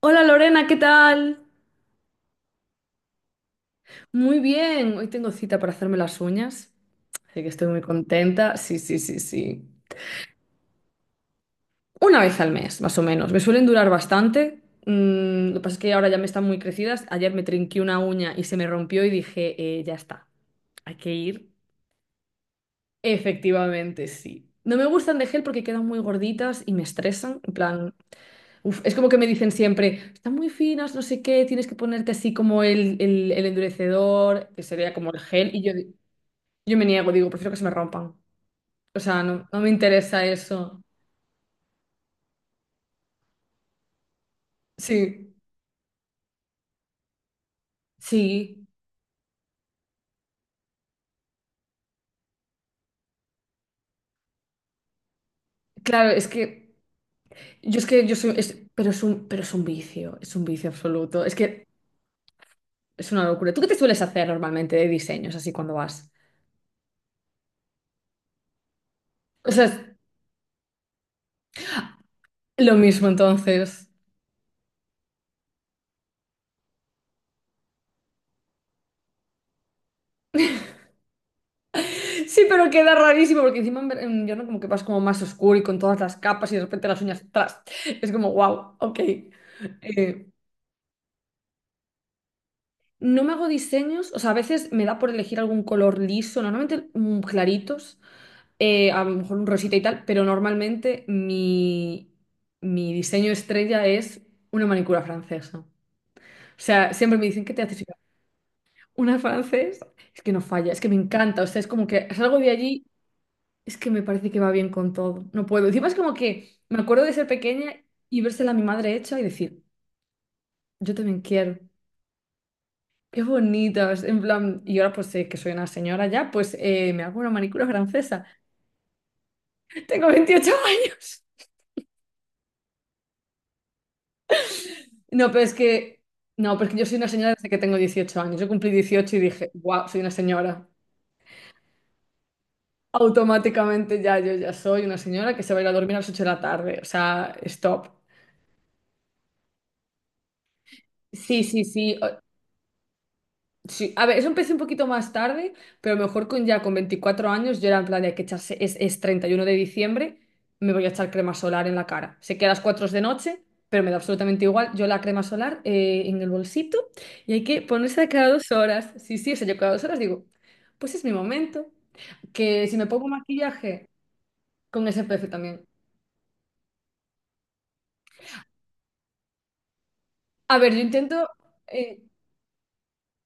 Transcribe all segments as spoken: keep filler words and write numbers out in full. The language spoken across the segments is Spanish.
Hola Lorena, ¿qué tal? Muy bien, hoy tengo cita para hacerme las uñas, así que estoy muy contenta. Sí, sí, sí, sí. Una vez al mes, más o menos. Me suelen durar bastante. Mm, lo que pasa es que ahora ya me están muy crecidas. Ayer me trinqué una uña y se me rompió y dije, "Eh, ya está, hay que ir." Efectivamente, sí. No me gustan de gel porque quedan muy gorditas y me estresan. En plan, uf, es como que me dicen siempre, están muy finas, no sé qué, tienes que ponerte así como el, el, el endurecedor, que sería como el gel. Y yo, Yo me niego, digo, prefiero que se me rompan. O sea, no, no me interesa eso. Sí, sí. Claro, es que yo es que yo soy, es- pero es un, pero es un vicio, es un vicio absoluto. Es que es una locura. ¿Tú qué te sueles hacer normalmente de diseños así cuando vas? O sea, es lo mismo entonces. Sí, pero queda rarísimo porque encima en ver- en invierno como que vas como más oscuro y con todas las capas y de repente las uñas atrás. Es como, wow, ok. Eh, No me hago diseños, o sea, a veces me da por elegir algún color liso, normalmente mm, claritos, eh, a lo mejor un rosita y tal, pero normalmente mi, mi diseño estrella es una manicura francesa. O sea, siempre me dicen, ¿qué te haces? Y yo, una francesa, es que no falla, es que me encanta, o sea, es como que salgo de allí, es que me parece que va bien con todo, no puedo. Encima es como que me acuerdo de ser pequeña y vérsela a mi madre hecha y decir, yo también quiero. Qué bonitas, en plan, y ahora pues eh, que soy una señora ya, pues eh, me hago una manicura francesa. Tengo veintiocho años. No, pero es que, no, pero es que yo soy una señora desde que tengo dieciocho años. Yo cumplí dieciocho y dije, wow, soy una señora. Automáticamente ya, yo ya soy una señora que se va a ir a dormir a las ocho de la tarde. O sea, stop. Sí, sí, sí. Sí, a ver, eso empecé un poquito más tarde, pero mejor con ya con veinticuatro años yo era en plan de hay que echarse, es, es treinta y uno de diciembre, me voy a echar crema solar en la cara. Sé que a las cuatro es de noche, pero me da absolutamente igual. Yo la crema solar eh, en el bolsito y hay que ponerse de cada dos horas. Sí, sí, o sea, yo cada dos horas digo, pues es mi momento, que si me pongo maquillaje, con ese S P F también. A ver, yo intento, eh,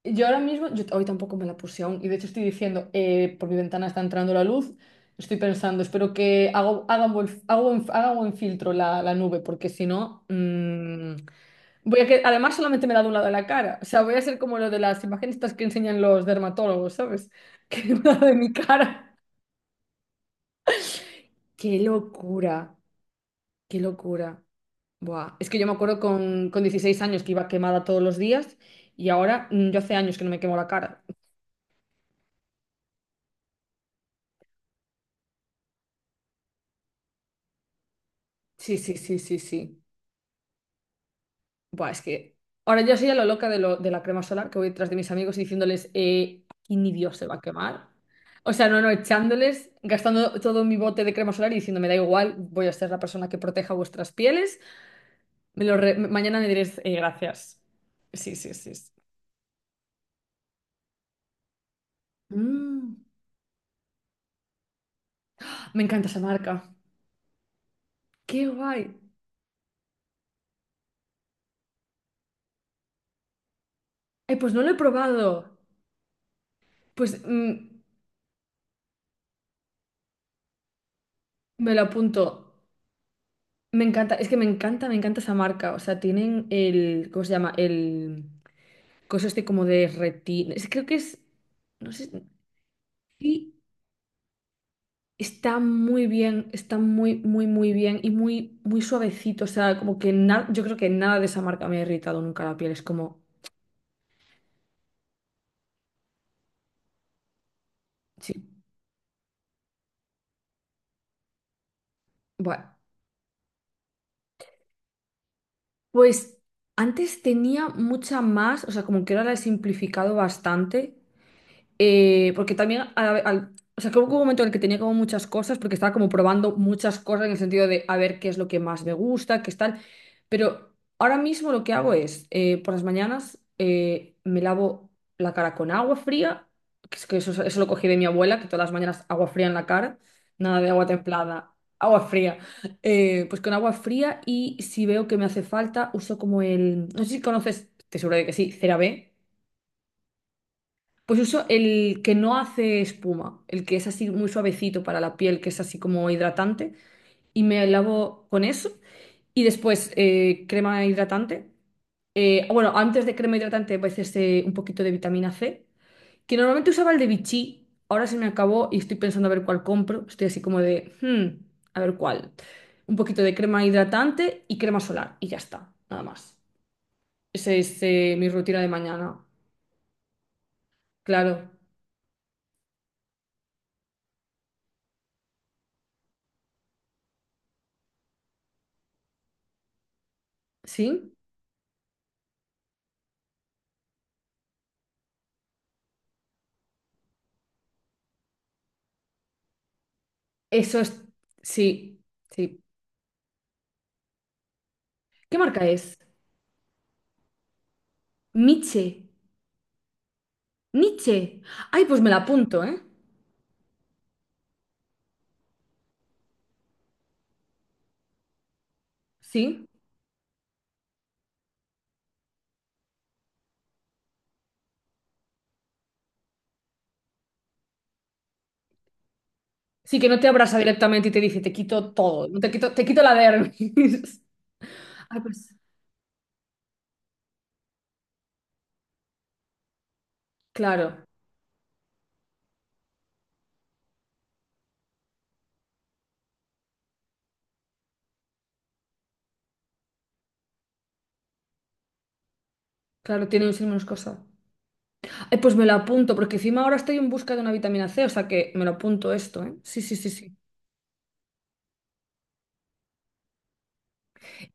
yo ahora mismo, yo hoy tampoco me la puse aún, y de hecho estoy diciendo, eh, por mi ventana está entrando la luz, estoy pensando, espero que haga, haga buen, haga buen- haga buen filtro la, la nube, porque si no, mm, voy a que, además solamente me da de un lado de la cara, o sea, voy a ser como lo de las imágenes estas que enseñan los dermatólogos, ¿sabes? Que me da de mi cara. ¡Qué locura! ¡Qué locura! Buah, es que yo me acuerdo con, con dieciséis años que iba quemada todos los días, y ahora mm, yo hace años que no me quemo la cara. Sí, sí, sí, sí, sí. Buah, es que ahora yo soy a lo loca de, lo, de la crema solar, que voy detrás de mis amigos y diciéndoles, eh, aquí ni Dios se va a quemar. O sea, no, no, echándoles, gastando todo mi bote de crema solar y diciendo, me da igual, voy a ser la persona que proteja vuestras pieles. Me lo re- mañana me diréis, eh, gracias. Sí, sí, sí. Sí. Mm, Me encanta esa marca. ¡Qué guay! Ay, pues no lo he probado. Pues mm, me lo apunto. Me encanta, es que me encanta, me encanta esa marca. O sea, tienen el, ¿cómo se llama? El cosas de como de retina. Es- creo que es, no sé, sí, está muy bien, está muy, muy, muy bien y muy, muy suavecito. O sea, como que nada, yo creo que nada de esa marca me ha irritado nunca la piel. Es como, sí, bueno. Pues antes tenía mucha más, o sea, como que ahora la he simplificado bastante. Eh, porque también, al- al- o sea, que hubo un momento en el que tenía como muchas cosas, porque estaba como probando muchas cosas en el sentido de a ver qué es lo que más me gusta, qué es tal. Pero ahora mismo lo que hago es, eh, por las mañanas eh, me lavo la cara con agua fría, que, es que eso, eso lo cogí de mi abuela, que todas las mañanas agua fría en la cara, nada de agua templada, agua fría. Eh, pues con agua fría y si veo que me hace falta, uso como el, no sé si conoces, te seguro de que sí, CeraVe. Pues uso el que no hace espuma, el que es así muy suavecito para la piel, que es así como hidratante, y me lavo con eso. Y después eh, crema hidratante. Eh, bueno, antes de crema hidratante, a veces eh, un poquito de vitamina C, que normalmente usaba el de Vichy, ahora se me acabó y estoy pensando a ver cuál compro. Estoy así como de, "Hmm, a ver cuál." Un poquito de crema hidratante y crema solar, y ya está, nada más. Esa es eh, mi rutina de mañana. Claro, ¿sí? Eso es, sí, sí. ¿Qué marca es? Nietzsche, Nietzsche. Ay, pues me la apunto, ¿eh? Sí. Sí, que no te abraza directamente y te dice, te quito todo, no te quito, te quito la dermis. Ay, pues, claro, claro, tiene muchas menos cosas. Ay, pues me la apunto, porque encima ahora estoy en busca de una vitamina C, o sea que me lo apunto esto, ¿eh? Sí, sí, sí, sí.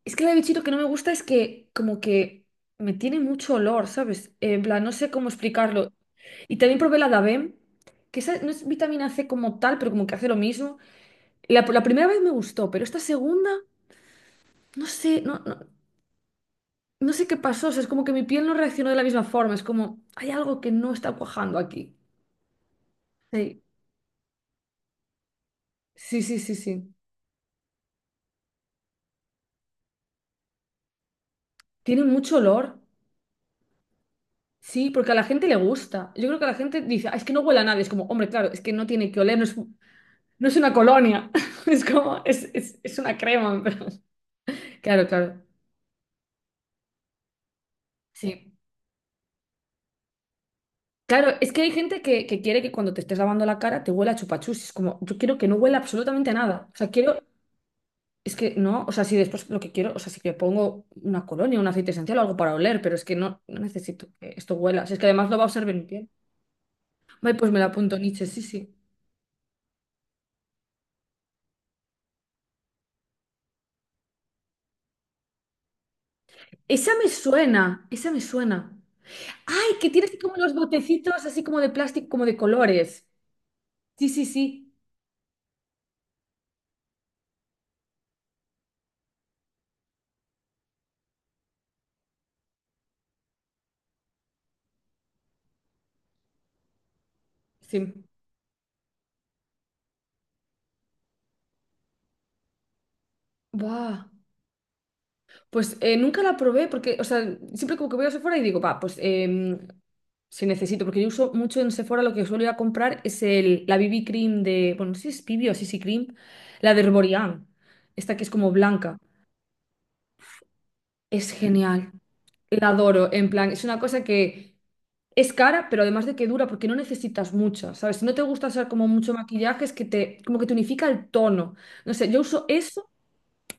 Es que la de bichito que no me gusta es que como que me tiene mucho olor, ¿sabes? Eh, En plan, no sé cómo explicarlo. Y también probé la Davem, que esa no es vitamina C como tal, pero como que hace lo mismo. La, la primera vez me gustó, pero esta segunda, no sé, no, no, no sé qué pasó. O sea, es como que mi piel no reaccionó de la misma forma. Es como, hay algo que no está cuajando aquí. Sí, sí, sí, sí, sí. Tiene mucho olor. Sí, porque a la gente le gusta. Yo creo que a la gente dice, "Ah, es que no huele a nada." Es como, hombre, claro, es que no tiene que oler. No es, No es una colonia, es como, es, es, es una crema, pero... Claro, claro. Sí. Claro, es que hay gente que, que quiere que cuando te estés lavando la cara te huela a chupachus. Es como, yo quiero que no huela absolutamente a nada. O sea, quiero, es que no, o sea, si después lo que quiero, o sea, si que pongo una colonia, un aceite esencial o algo para oler, pero es que no, no necesito que esto huela. Si es que además lo va a observar mi piel. Ay, pues me la apunto, Nietzsche, sí, sí. Esa me suena, esa me suena. Ay, que tiene así como los botecitos así como de plástico, como de colores. Sí, sí, sí. Sí. Buah. Pues eh, nunca la probé porque, o sea, siempre como que voy a Sephora y digo, va, pues em, si necesito, porque yo uso mucho en Sephora, lo que suelo ir a comprar es el, la B B Cream de, bueno, no sé si es B B o C C Cream, la de Herborian, esta que es como blanca. Es genial, la adoro, en plan, es una cosa que es cara, pero además de que dura, porque no necesitas mucha ¿sabes? Si no te gusta usar como mucho maquillaje, es que te, como que te unifica el tono. No sé, yo uso eso.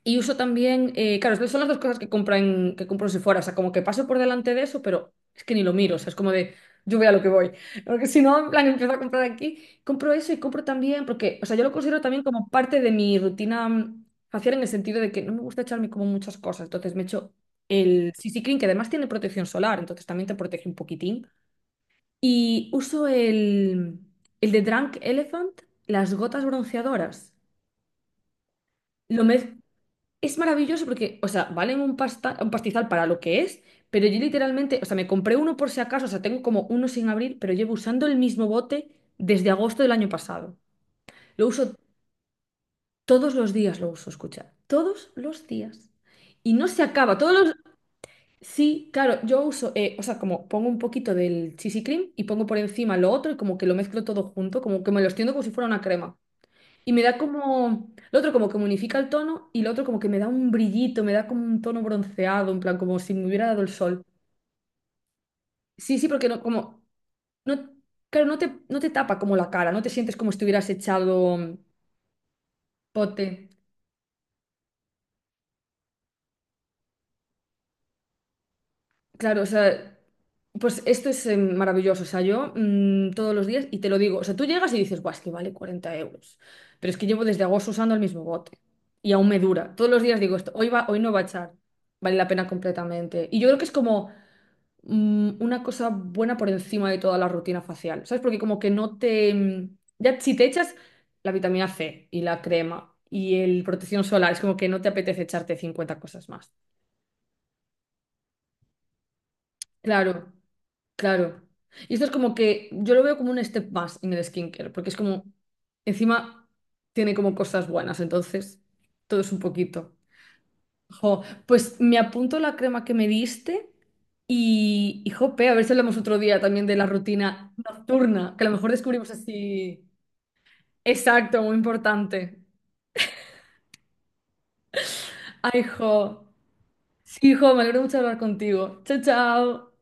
Y uso también, eh, claro, son las dos cosas que compro en, que compro en Sephora, o sea, como que paso por delante de eso, pero es que ni lo miro, o sea, es como de, yo voy a lo que voy, porque si no, en plan, empiezo a comprar aquí, compro eso y compro también, porque, o sea, yo lo considero también como parte de mi rutina mm, facial en el sentido de que no me gusta echarme como muchas cosas, entonces me echo el C C Cream, que además tiene protección solar, entonces también te protege un poquitín, y uso el, el de Drunk Elephant, las gotas bronceadoras, lo mezclo, es maravilloso porque, o sea, valen un pasta, un pastizal para lo que es, pero yo literalmente, o sea, me compré uno por si acaso, o sea, tengo como uno sin abrir, pero llevo usando el mismo bote desde agosto del año pasado. Lo uso todos los días, lo uso, escucha, todos los días. Y no se acaba, todos los... Sí, claro, yo uso, eh, o sea, como pongo un poquito del C C cream y pongo por encima lo otro y como que lo mezclo todo junto, como que me lo extiendo como si fuera una crema. Y me da como, el otro como que me unifica el tono y el otro como que me da un brillito, me da como un tono bronceado, en plan como si me hubiera dado el sol. Sí, sí, porque no, como, no, claro, no te, no te tapa como la cara, no te sientes como si te hubieras echado mm, pote. Claro, o sea, pues esto es eh, maravilloso, o sea, yo mm, todos los días, y te lo digo, o sea, tú llegas y dices, guau, es que vale cuarenta euros, pero es que llevo desde agosto usando el mismo bote y aún me dura. Todos los días digo esto, hoy va, hoy no va a echar, vale la pena completamente. Y yo creo que es como... mm, una cosa buena por encima de toda la rutina facial, ¿sabes? Porque como que no te... mm, Ya si te echas la vitamina C y la crema y el protección solar, es como que no te apetece echarte cincuenta cosas más. Claro, claro. Y esto es como que yo lo veo como un step más en el skincare, porque es como, encima tiene como cosas buenas, entonces todo es un poquito. Jo, pues me apunto la crema que me diste y, y jope, a ver si hablamos otro día también de la rutina nocturna, que a lo mejor descubrimos así. Exacto, muy importante. Ay, jo. Sí, jo, me alegro mucho de hablar contigo. Chao, chao.